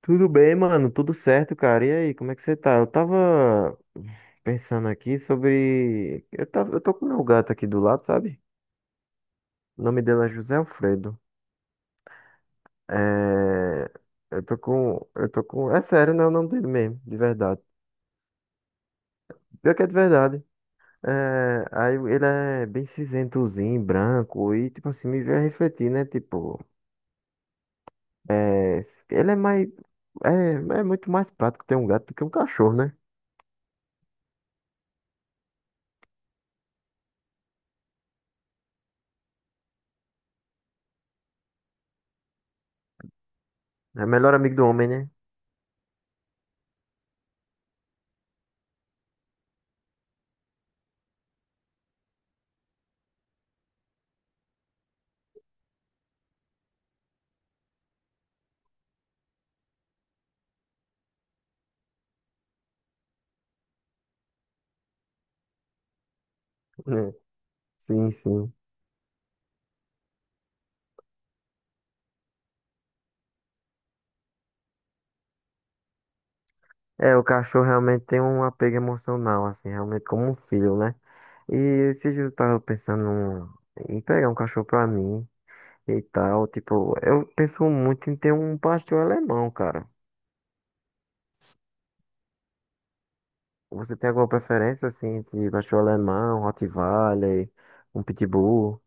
Tudo bem, mano? Tudo certo, cara? E aí, como é que você tá? Eu tava pensando aqui sobre. Eu tô com meu gato aqui do lado, sabe? O nome dele é José Alfredo. É... Eu tô com. Eu tô com. É sério, né? O nome dele mesmo, de verdade. Pior que é de verdade. Aí ele é bem cinzentozinho, branco, e tipo assim, me veio a refletir, né? Tipo, é... ele é mais. É... é muito mais prático ter um gato do que um cachorro, né? É melhor amigo do homem, né? Sim, sim. É, o cachorro realmente tem um apego emocional, assim, realmente como um filho, né? E esse dia eu tava pensando em pegar um cachorro pra mim e tal, tipo, eu penso muito em ter um pastor alemão, cara. Você tem alguma preferência, assim, entre pastor alemão, Rottweiler, um pitbull?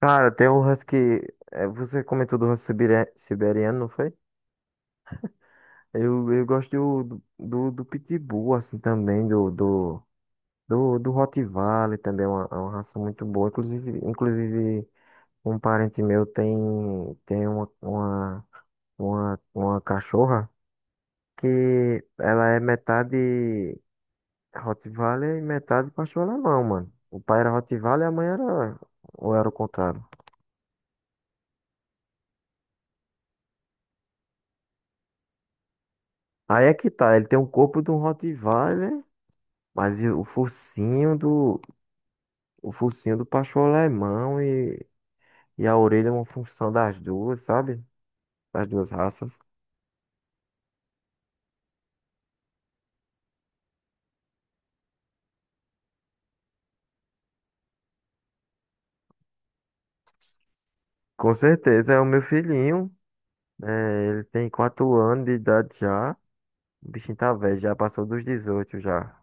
Cara, tem o husky, você comentou do husky siberiano, não foi? Eu gosto do pitbull, assim, também, do Rottweiler também é uma raça muito boa. Inclusive um parente meu tem uma cachorra que ela é metade Rottweiler e metade pastor alemão, mano. O pai era Rottweiler e a mãe era... Ou era o contrário? Aí é que tá, ele tem o corpo de um Rottweiler, mas e o focinho do... O focinho do pastor alemão e a orelha é uma função das duas, sabe? Das duas raças. Com certeza, é o meu filhinho. É, ele tem 4 anos de idade já. O bichinho tá velho, já passou dos 18 já.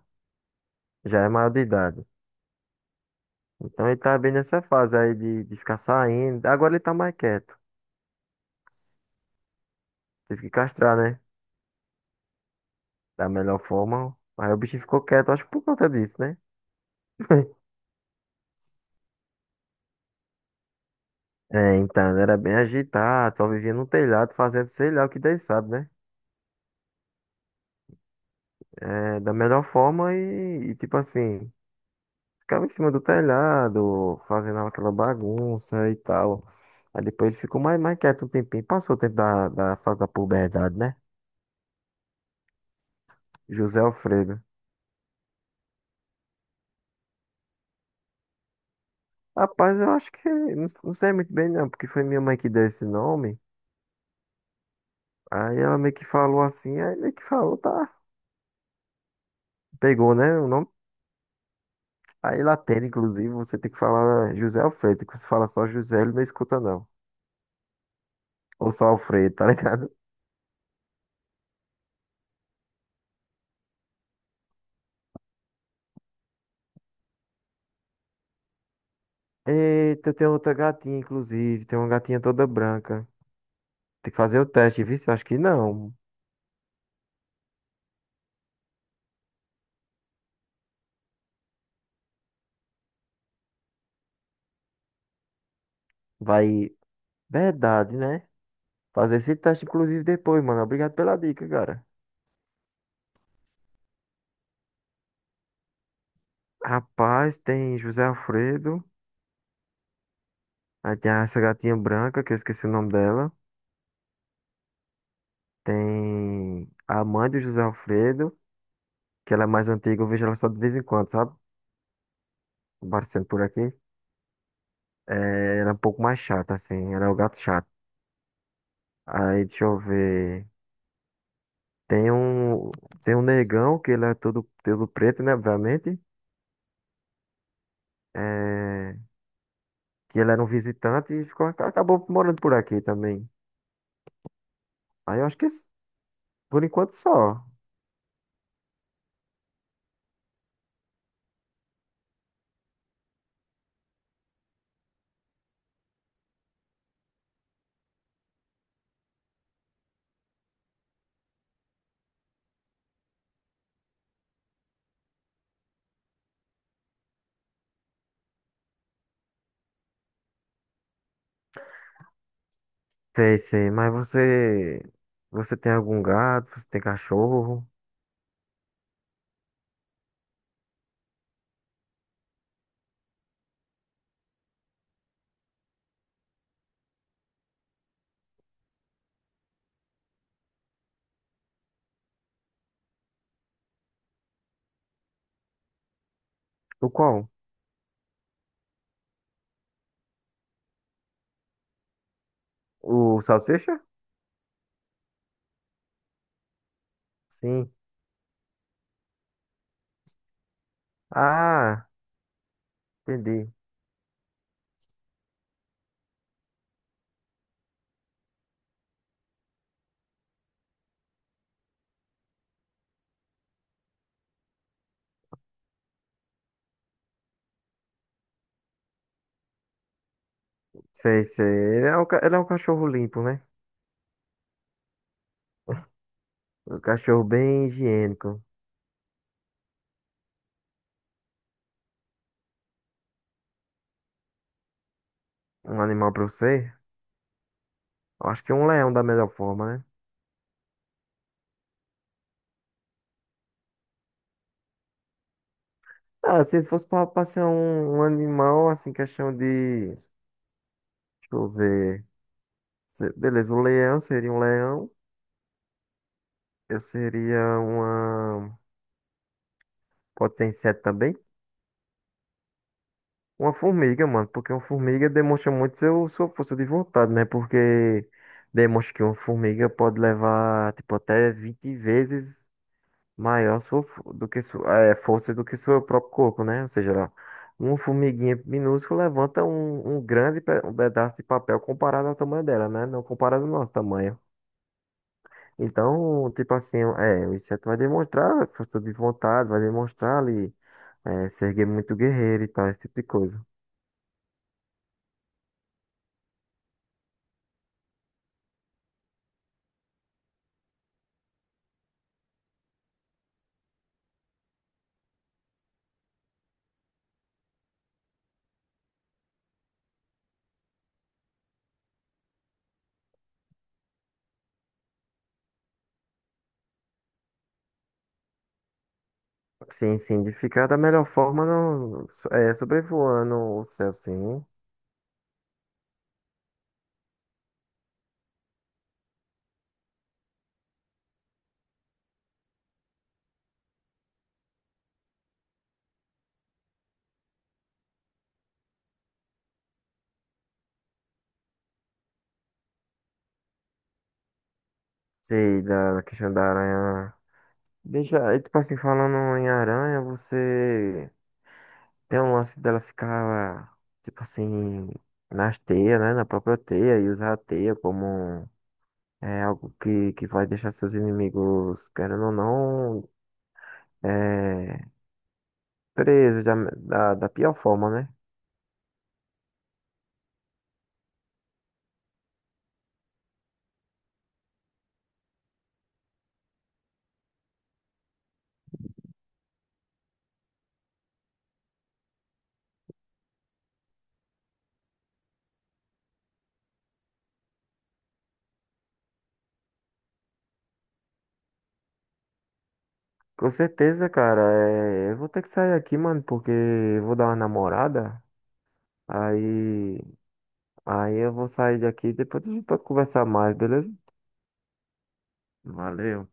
Já é maior de idade. Então ele tá bem nessa fase aí de ficar saindo. Agora ele tá mais quieto. Teve que castrar, né? Da melhor forma. Aí o bichinho ficou quieto, acho que por conta disso, né? É, então, ele era bem agitado, só vivia no telhado fazendo sei lá o que Deus sabe, né? É, da melhor forma e tipo assim. Ficava em cima do telhado, fazendo aquela bagunça e tal. Aí depois ele ficou mais quieto um tempinho. Passou o tempo da fase da puberdade, né? José Alfredo. Rapaz, eu acho que. Não, não sei muito bem, não, porque foi minha mãe que deu esse nome. Aí ela meio que falou assim, aí meio que falou, tá. Pegou, né? O nome. Aí lá tem, inclusive, você tem que falar José Alfredo. Que você fala só José, ele não escuta, não. Ou só Alfredo, tá ligado? Eita, tem outra gatinha, inclusive. Tem uma gatinha toda branca. Tem que fazer o teste, viu? Eu acho que não. Vai. Verdade, né? Fazer esse teste, inclusive, depois, mano. Obrigado pela dica, cara. Rapaz, tem José Alfredo. Aí tem essa gatinha branca, que eu esqueci o nome dela. Tem a mãe do José Alfredo, que ela é mais antiga, eu vejo ela só de vez em quando, sabe? Aparecendo por aqui. É, ela é um pouco mais chata, assim. Ela é o gato chato. Aí, deixa eu ver. Tem um, tem um negão, que ele é todo preto, né? Obviamente. É. Que ele era um visitante e ficou, acabou morando por aqui também. Aí eu acho que por enquanto só. Sei, sei, mas você tem algum gato, você tem cachorro? O qual? O salsicha? Sim. Ah, entendi. Sei, sei. Ele é um, ele é um cachorro limpo, né? Um cachorro bem higiênico. Um animal pra você? Eu acho que um leão da melhor forma, né? Ah, assim, se fosse pra ser um animal, assim, questão de. Deixa eu ver. Beleza, um leão seria um leão. Eu seria uma. Pode ser inseto também? Uma formiga, mano. Porque uma formiga demonstra muito sua força de vontade, né? Porque demonstra que uma formiga pode levar, tipo, até 20 vezes maior do que sua, força do que seu próprio corpo, né? Ou seja, uma formiguinha minúscula levanta um grande um pedaço de papel comparado ao tamanho dela, né? Não comparado ao nosso tamanho. Então, tipo assim, é, o inseto vai demonstrar força de vontade, vai demonstrar ali. É, se erguer muito guerreiro e tal, esse tipo de coisa. Sim, sim, de ficar da melhor forma no, so- é, sobrevoando o céu, sim. Sei, da questão da aranha. Deixa, aí tipo assim, falando em aranha, você tem um lance dela ficar, tipo assim, nas teias, né? Na própria teia e usar a teia como é, algo que vai deixar seus inimigos, querendo ou não, é, presos da pior forma, né? Com certeza, cara. É, eu vou ter que sair aqui, mano, porque eu vou dar uma namorada. Aí, aí eu vou sair daqui. Depois a gente pode conversar mais, beleza? Valeu.